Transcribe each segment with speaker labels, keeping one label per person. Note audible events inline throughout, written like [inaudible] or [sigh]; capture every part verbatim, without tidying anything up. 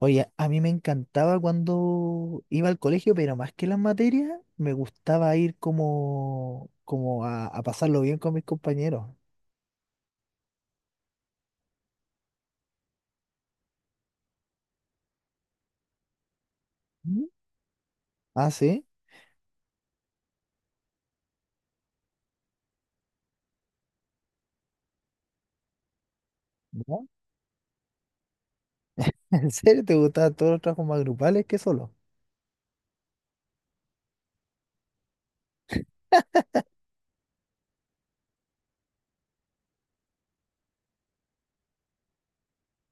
Speaker 1: Oye, a mí me encantaba cuando iba al colegio, pero más que las materias, me gustaba ir como, como a, a pasarlo bien con mis compañeros. ¿Mm? Ah, sí, ¿no? [laughs] ¿En serio te gustaban todos los trabajos más grupales que solo?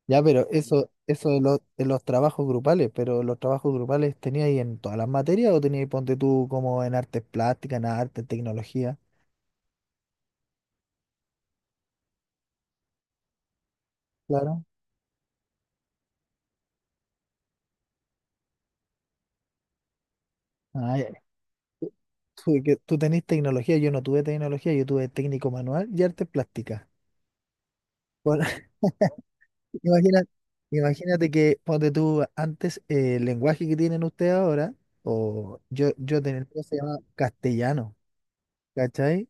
Speaker 1: Ya, pero eso, eso de los, de los trabajos grupales, pero los trabajos grupales tenías ahí en todas las materias o tenías, ponte tú, como en artes plásticas, ¿en arte, tecnología? Claro. Ah, ya. Tú, tú que- tú tenés tecnología, yo no tuve tecnología, yo tuve técnico manual y artes plásticas. Por, Imagina- imagínate que, ponte tú, antes eh, el lenguaje que tienen ustedes ahora, o yo, yo tenía el mío, se llamaba castellano, ¿cachai?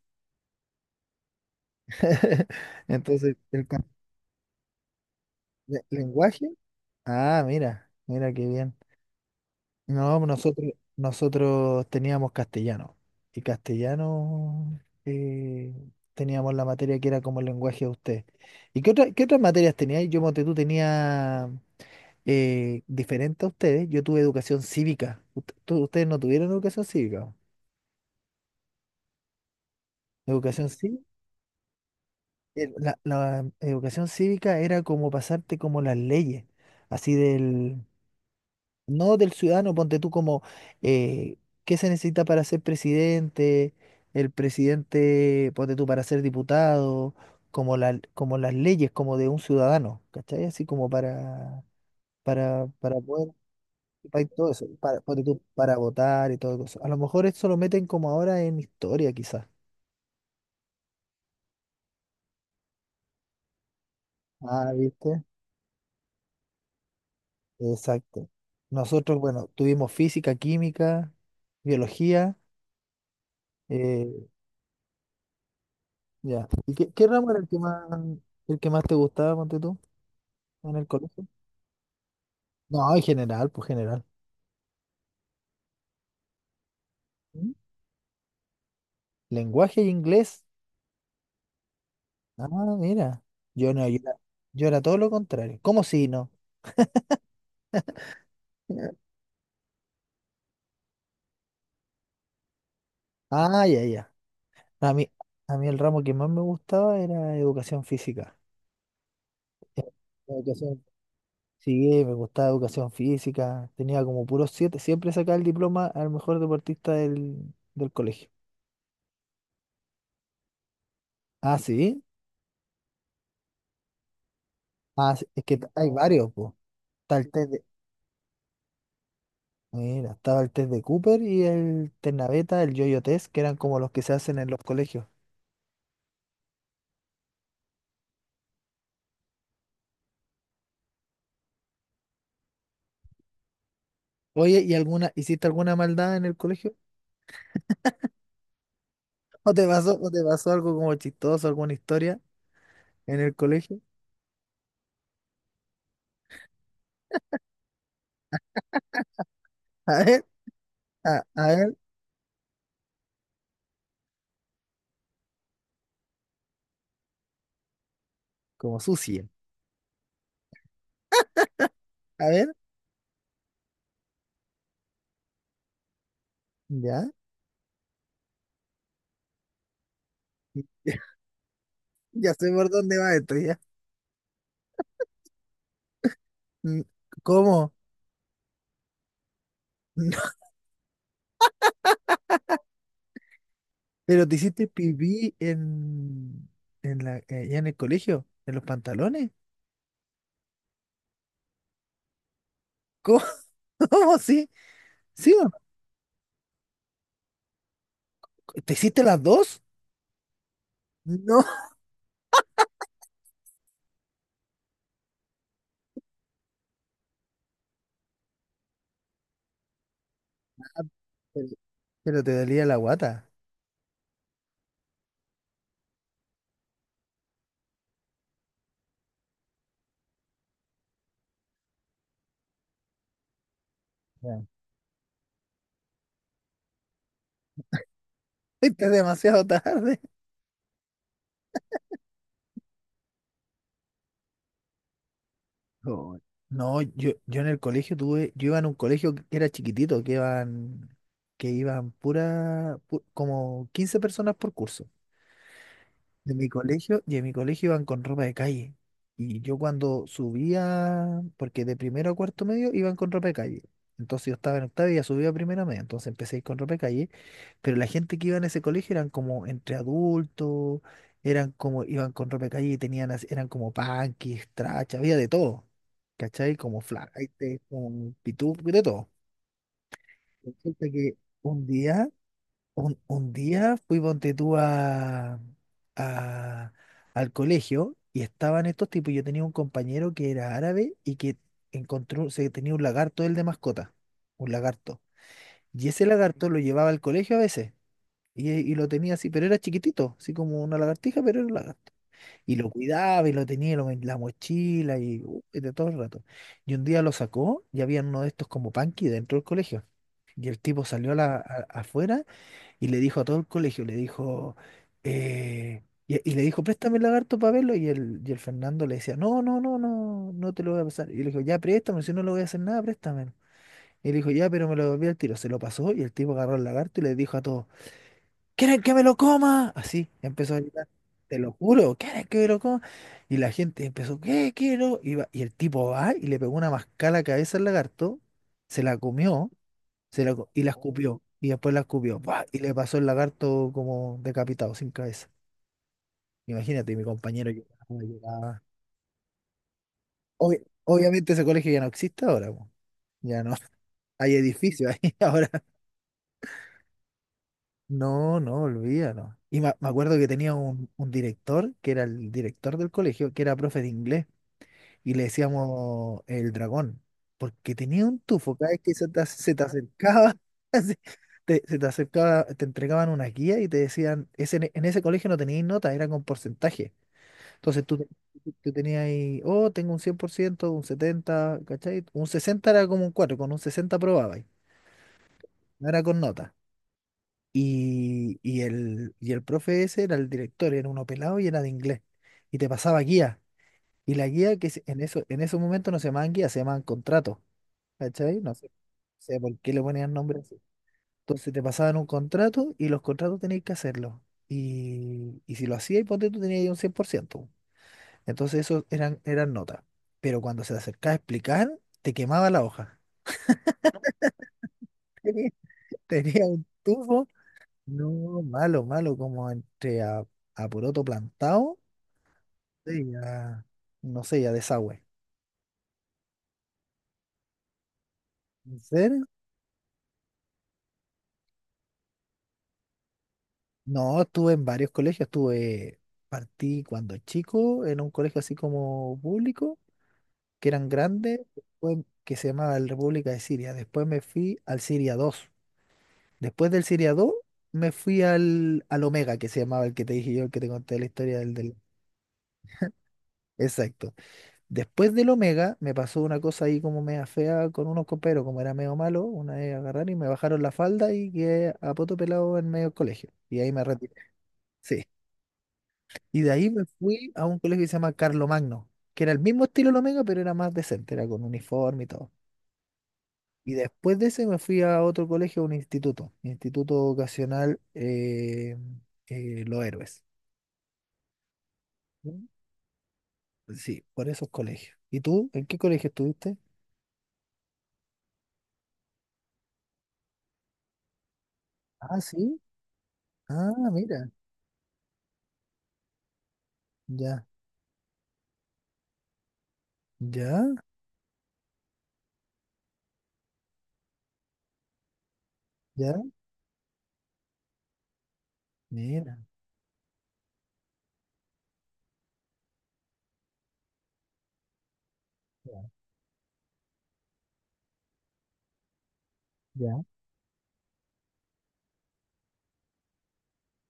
Speaker 1: [laughs] Entonces, el, ca- le- lenguaje, ah, mira, mira qué bien. No, nosotros, nosotros teníamos castellano. Y castellano eh, teníamos la materia que era como el lenguaje de usted. ¿Y qué, otra- qué otras materias teníais? Yo, Monte, tú tenía eh, diferente a ustedes. Yo tuve educación cívica. Ut- tú- ustedes no tuvieron educación cívica. Educación cívica. La, la educación cívica era como pasarte como las leyes, así del, no del ciudadano, ponte tú como eh, qué se necesita para ser presidente, el presidente, ponte tú para ser diputado, como la, como las leyes, como de un ciudadano, ¿cachai? Así como para, para, para poder, para todo eso, para, ponte tú para votar y todo eso. A lo mejor esto lo meten como ahora en historia, quizás. Ah, ¿viste? Exacto. Nosotros, bueno, tuvimos física, química, biología. eh, Ya. ¿Y qué, qué ramo era el que más, el que más te gustaba, ponte tú, en el colegio? No, en general, pues general. ¿Mm? Lenguaje y inglés. Ah, mira. Yo no, yo era, yo era todo lo contrario. ¿Cómo si no? Ah, ya, ya. A mí, a mí el ramo que más me gustaba era educación física. Eh, Educación, sí, me gustaba educación física. Tenía como puros siete. Siempre sacaba el diploma al mejor deportista del, del colegio. Ah, sí. Ah, sí. Es que hay varios, pues. Mira, estaba el test de Cooper y el test naveta, el yo-yo test, que eran como los que se hacen en los colegios. Oye, ¿y alguna, hiciste alguna maldad en el colegio? ¿O te pasó, o te pasó algo como chistoso, alguna historia en el colegio? [laughs] A ver, a, a ver, como sucia. A ver, ya, [laughs] ya sé por dónde va esto, ya. Mm. ¿Cómo? [laughs] ¿Pero te hiciste pipí en, en la, eh, ya en el colegio? ¿En los pantalones? ¿Cómo? [laughs] ¿Cómo? ¿Sí? ¿Sí o no? ¿Te hiciste las dos? No. [laughs] Pero te dolía la guata. Ya. Fuiste demasiado tarde. Oh, no, yo, yo en el colegio tuve, yo iba en un colegio que era chiquitito, que iban, que iban pura, pu- como quince personas por curso de mi colegio, y en mi colegio iban con ropa de calle. Y yo cuando subía, porque de primero a cuarto medio iban con ropa de calle. Entonces yo estaba en octavo y ya subía a primero medio, entonces empecé a ir con ropa de calle, pero la gente que iba en ese colegio eran como entre adultos, eran como, iban con ropa de calle y tenían, as- eran como punkis, trachas, había de todo, ¿cachai? Como flaites, como pitú, de todo. Resulta que un día, un, un día fui ponte tú a, a- al colegio y estaban estos tipos, yo tenía un compañero que era árabe y que encontró, se tenía un lagarto él de mascota, un lagarto. Y ese lagarto lo llevaba al colegio a veces. Y, y lo tenía así, pero era chiquitito, así como una lagartija, pero era un lagarto. Y lo cuidaba y lo tenía lo- en la mochila y, uh, y de todo el rato. Y un día lo sacó y había uno de estos como panqui dentro del colegio. Y el tipo salió a la- a- afuera y le dijo a todo el colegio, le dijo, eh, y, y le dijo, préstame el lagarto para verlo. Y el, y el Fernando le decía, no, no, no, no, no te lo voy a pasar. Y le dijo, ya, préstame, si no le voy a hacer nada, préstame. Y le dijo, ya, pero me lo devolví al tiro. Se lo pasó y el tipo agarró el lagarto y le dijo a todos, ¿quieren que me lo coma? Así empezó a gritar, te lo juro, ¿quieren que me lo coma? Y la gente empezó, ¿qué quiero? Y, va- y el tipo va y le pegó una mascada a la cabeza al lagarto, se la comió, se la, co- y la escupió, y después la escupió, ¡pua!, y le pasó el lagarto como decapitado, sin cabeza. Imagínate, mi compañero lloraba, lloraba. Obvi- obviamente ese colegio ya no existe ahora, po. Ya no, [laughs] hay edificios ahí [laughs] ahora. No, no, olvídalo. Y me, me acuerdo que tenía un, un director, que era el director del colegio, que era profe de inglés, y le decíamos el dragón, porque tenía un tufo, cada vez que se te, ac- se te acercaba, [laughs] así, te- se te acercaba, te entregaban una guía y te decían, ese, en ese colegio no tenías nota, era con porcentaje. Entonces tú, te- tú tenías ahí, oh, tengo un cien por ciento, un setenta, ¿cachai? Un sesenta era como un cuatro, con un sesenta probabas, no era con nota. Y, y el, y el profe ese era el director, era uno pelado y era de inglés. Y te pasaba guía. Y la guía que se- en eso, en esos momentos no se llamaban guía, se llamaban contratos. ¿Cachai? No sé, no sé por qué le ponían nombre así. Entonces te pasaban un contrato y los contratos tenías que hacerlo. Y, y si lo hacías, ponte tú tenías ahí un cien por ciento. Entonces eso eran, eran notas. Pero cuando se acercaba a explicar, te quemaba la hoja. [laughs] Tenía, Tenía un tufo. No, malo, malo, como entre a, a poroto plantado, sí, ya, no sé, ya desagüe. ¿En serio? No, estuve en varios colegios, estuve, partí cuando chico en un colegio así como público, que eran grandes, después, que se llamaba el República de Siria, después me fui al Siria dos, después del Siria dos me fui al, al Omega, que se llamaba el que te dije yo, el que te conté la historia del, del... Exacto. Después del Omega me pasó una cosa ahí como media fea con unos coperos, como era medio malo, una vez agarraron y me bajaron la falda y quedé a poto pelado en medio del colegio. Y ahí me retiré. Sí. Y de ahí me fui a un colegio que se llama Carlo Magno, que era el mismo estilo del Omega, pero era más decente, era con uniforme y todo. Y después de ese me fui a otro colegio, a un instituto, Instituto Vocacional eh, eh, Los Héroes. ¿Mm? Sí, por esos colegios. ¿Y tú? ¿En qué colegio estuviste? Ah, sí. Ah, mira, ya, ya. ¿Ya? Mira, ya, ya.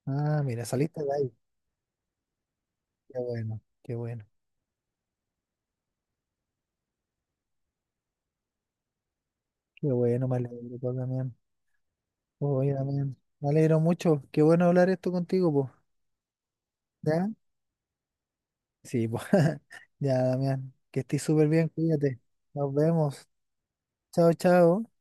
Speaker 1: Ah, mira, saliste de ahí. Qué bueno, qué bueno, qué bueno, me alegro, pues, Damián. Oye, Damián, me alegro mucho. Qué bueno hablar esto contigo, pues. ¿Ya? Sí, pues. [laughs] Ya, Damián, que estés súper bien, cuídate. Nos vemos. Chao, chao.